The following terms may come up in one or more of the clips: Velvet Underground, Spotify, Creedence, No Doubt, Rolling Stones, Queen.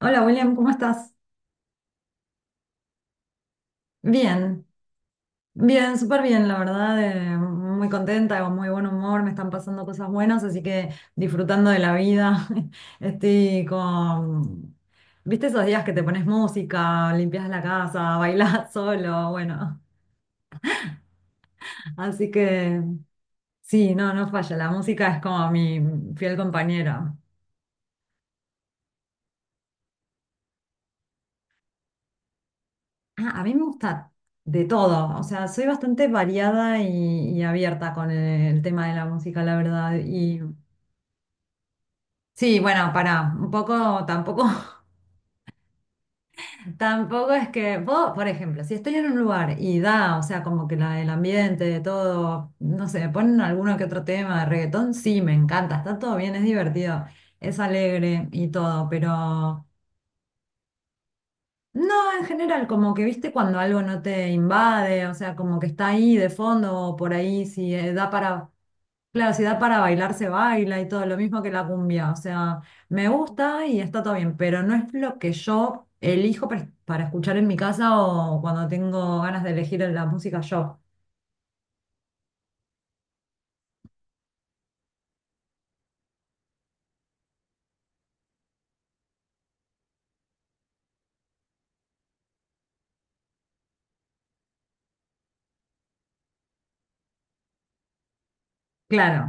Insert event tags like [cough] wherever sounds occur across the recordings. Hola William, ¿cómo estás? Bien, bien, súper bien, la verdad, muy contenta, con muy buen humor, me están pasando cosas buenas, así que disfrutando de la vida. [laughs] Estoy con, ¿viste esos días que te pones música, limpias la casa, [laughs] bailás solo? Bueno, así que sí, no, no falla, la música es como mi fiel compañera. Ah, a mí me gusta de todo, o sea, soy bastante variada y abierta con el tema de la música, la verdad. Y sí, bueno, para, un poco, tampoco, [laughs] tampoco es que vos, por ejemplo, si estoy en un lugar y da, o sea, como que la, el ambiente, de todo, no sé, ponen alguno que otro tema de reggaetón, sí, me encanta, está todo bien, es divertido, es alegre y todo, pero no, en general, como que viste cuando algo no te invade, o sea, como que está ahí de fondo o por ahí, si da para, claro, si da para bailar, se baila y todo, lo mismo que la cumbia, o sea, me gusta y está todo bien, pero no es lo que yo elijo para escuchar en mi casa o cuando tengo ganas de elegir la música yo. Claro,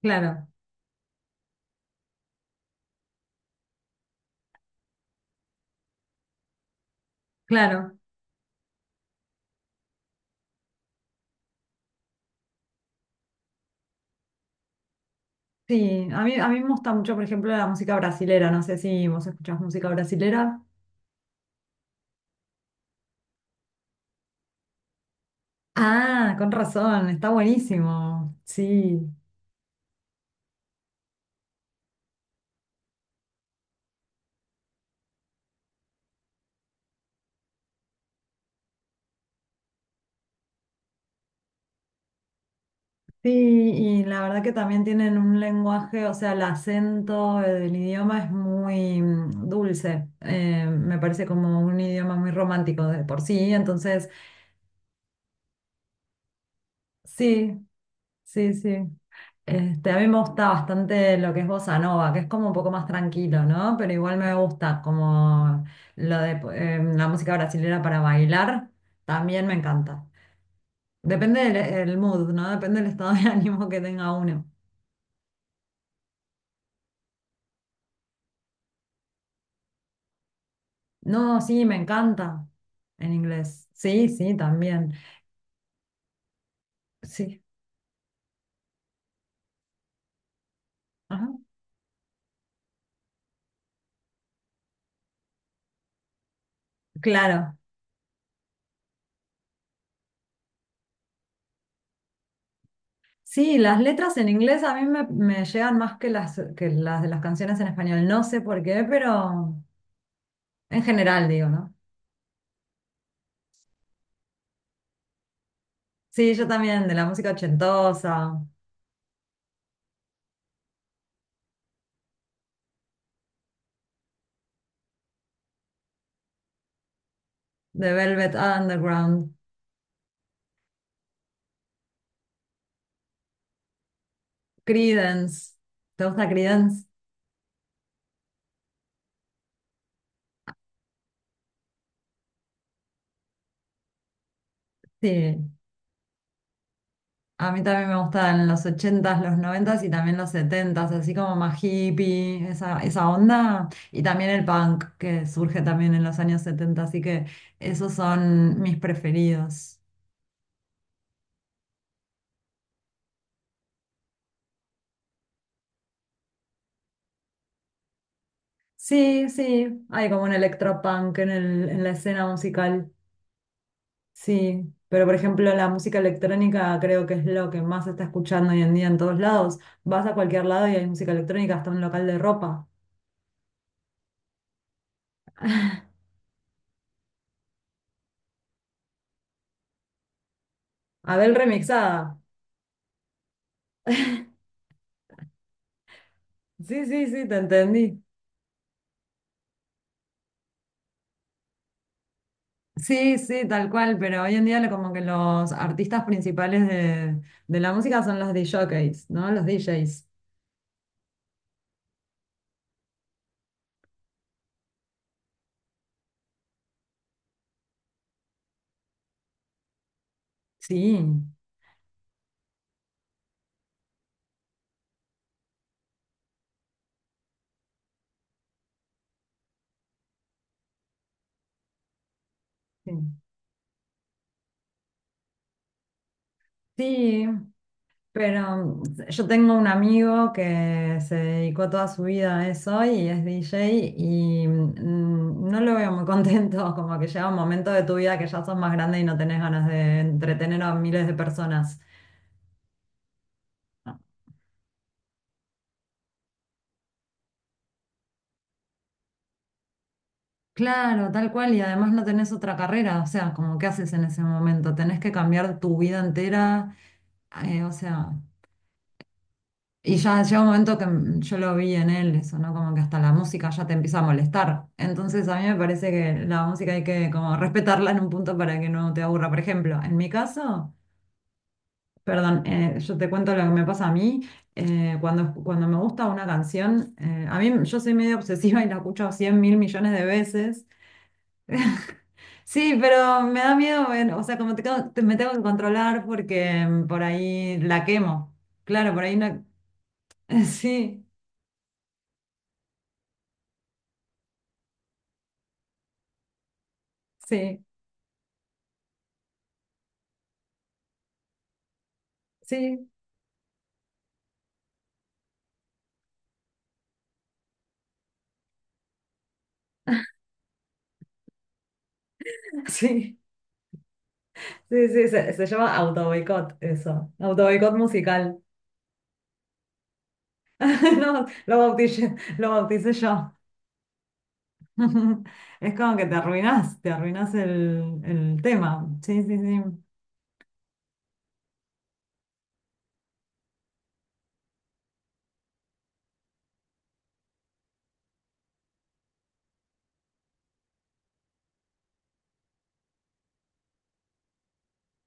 claro, claro. Sí, a mí me gusta mucho, por ejemplo, la música brasilera, no sé si vos escuchás música brasilera. Ah, con razón, está buenísimo. Sí, sí, y la verdad que también tienen un lenguaje, o sea, el acento del idioma es muy dulce, me parece como un idioma muy romántico de por sí, entonces, sí, sí, sí. Este, a mí me gusta bastante lo que es bossa nova, que es como un poco más tranquilo, ¿no? Pero igual me gusta como lo de la música brasilera para bailar, también me encanta. Depende del el mood, ¿no? Depende del estado de [laughs] ánimo que tenga uno. No, sí, me encanta en inglés. Sí, sí, también. Sí, ajá, claro. Sí, las letras en inglés a mí me, me llegan más que las de las canciones en español. No sé por qué, pero en general digo, ¿no? Sí, yo también, de la música ochentosa, de Velvet Underground, Creedence. ¿Te gusta Creedence? Sí. A mí también me gustan los ochentas, los noventas y también los setentas, así como más hippie, esa onda. Y también el punk que surge también en los años setenta, así que esos son mis preferidos. Sí, sí, hay como un electropunk en el, en la escena musical, sí. Pero por ejemplo, la música electrónica creo que es lo que más se está escuchando hoy en día en todos lados. Vas a cualquier lado y hay música electrónica, hasta un local de ropa. [laughs] Abel remixada. Sí, sí, sí, te entendí. Sí, sí, tal cual, pero hoy en día lo- como que los artistas principales de la música son los DJs, ¿no? Los DJs. Sí, sí. Sí, pero yo tengo un amigo que se dedicó toda su vida a eso y es DJ y no lo veo muy contento, [laughs] como que llega un momento de tu vida que ya sos más grande y no tenés ganas de entretener a miles de personas. Claro, tal cual, y además no tenés otra carrera, o sea, como qué haces en ese momento, tenés que cambiar tu vida entera, o sea, y ya llega un momento que yo lo vi en él, eso, ¿no? Como que hasta la música ya te empieza a molestar, entonces a mí me parece que la música hay que como respetarla en un punto para que no te aburra, por ejemplo, en mi caso, perdón, yo te cuento lo que me pasa a mí, cuando, cuando me gusta una canción, a mí, yo soy medio obsesiva y la escucho 100 mil millones de veces. Sí, pero me da miedo, bueno, o sea, como te- te- me tengo que controlar porque por ahí la quemo. Claro, por ahí no. [laughs] Sí, sí, sí, [laughs] sí. Sí, sí, se llama autoboicot eso. Autoboicot musical. [laughs] No, lo bauticé yo. [laughs] Es como que te arruinás el tema. Sí, sí, sí.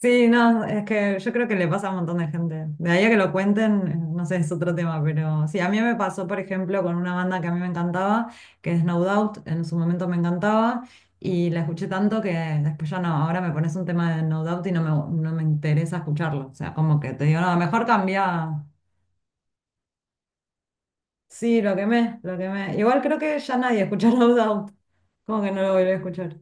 Sí, no, es que yo creo que le pasa a un montón de gente. De ahí a que lo cuenten, no sé, es otro tema, pero sí, a mí me pasó, por ejemplo, con una banda que a mí me encantaba, que es No Doubt, en su momento me encantaba, y la escuché tanto que después ya no, ahora me pones un tema de No Doubt y no me, no me interesa escucharlo. O sea, como que te digo, no, mejor cambia. Sí, lo quemé, lo quemé. Igual creo que ya nadie escucha [laughs] No Doubt, como que no lo volví a escuchar.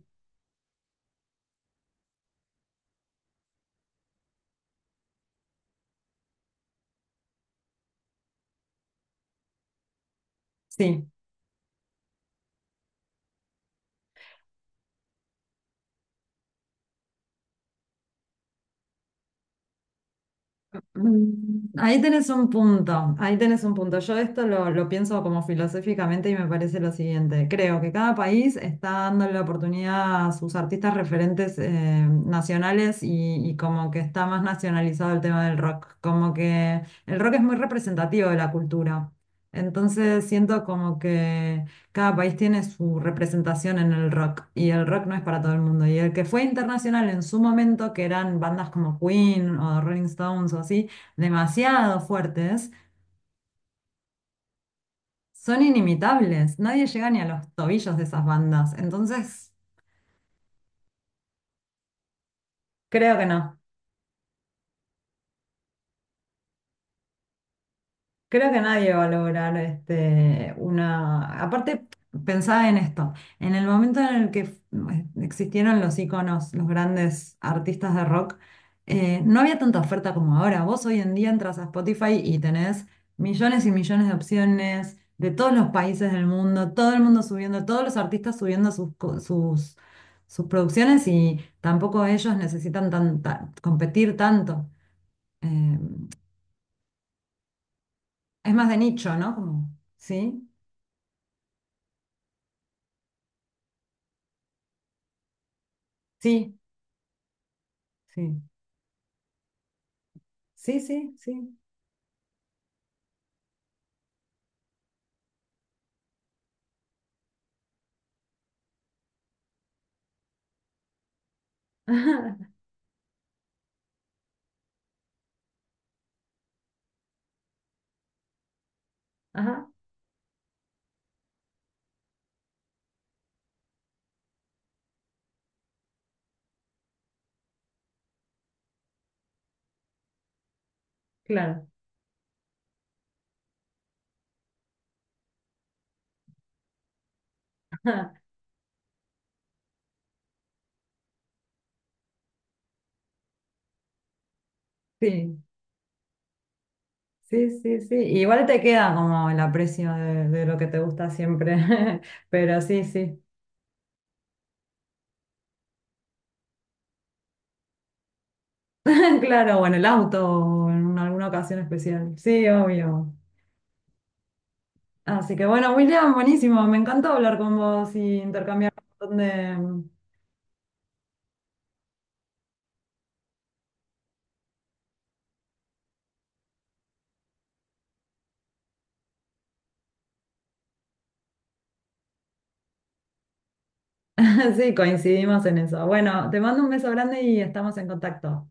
Sí. Mm, ahí tenés un punto, ahí tenés un punto. Yo esto lo pienso como filosóficamente y me parece lo siguiente. Creo que cada país está dando la oportunidad a sus artistas referentes nacionales y como que está más nacionalizado el tema del rock. Como que el rock es muy representativo de la cultura. Entonces siento como que cada país tiene su representación en el rock y el rock no es para todo el mundo. Y el que fue internacional en su momento, que eran bandas como Queen o Rolling Stones o así, demasiado fuertes, son inimitables. Nadie llega ni a los tobillos de esas bandas. Entonces, creo que no. Creo que nadie va a lograr este, una... Aparte, pensaba en esto, en el momento en el que f- existieron los íconos, los grandes artistas de rock, no había tanta oferta como ahora. Vos hoy en día entras a Spotify y tenés millones y millones de opciones de todos los países del mundo, todo el mundo subiendo, todos los artistas subiendo sus, co- sus, sus producciones y tampoco ellos necesitan tan- tan- competir tanto. Eh, es más de nicho, ¿no? Como, ¿sí? Sí, sí, sí, sí, sí. [laughs] Ajá, ajá, claro. Ajá, sí, sí, sí, sí. Igual te queda como el aprecio de lo que te gusta siempre, [laughs] pero sí, sí. [laughs] Claro, bueno, el auto o en alguna ocasión especial. Sí, obvio. Así que bueno, William, buenísimo. Me encantó hablar con vos y intercambiar un montón de... [laughs] Sí, coincidimos en eso. Bueno, te mando un beso grande y estamos en contacto.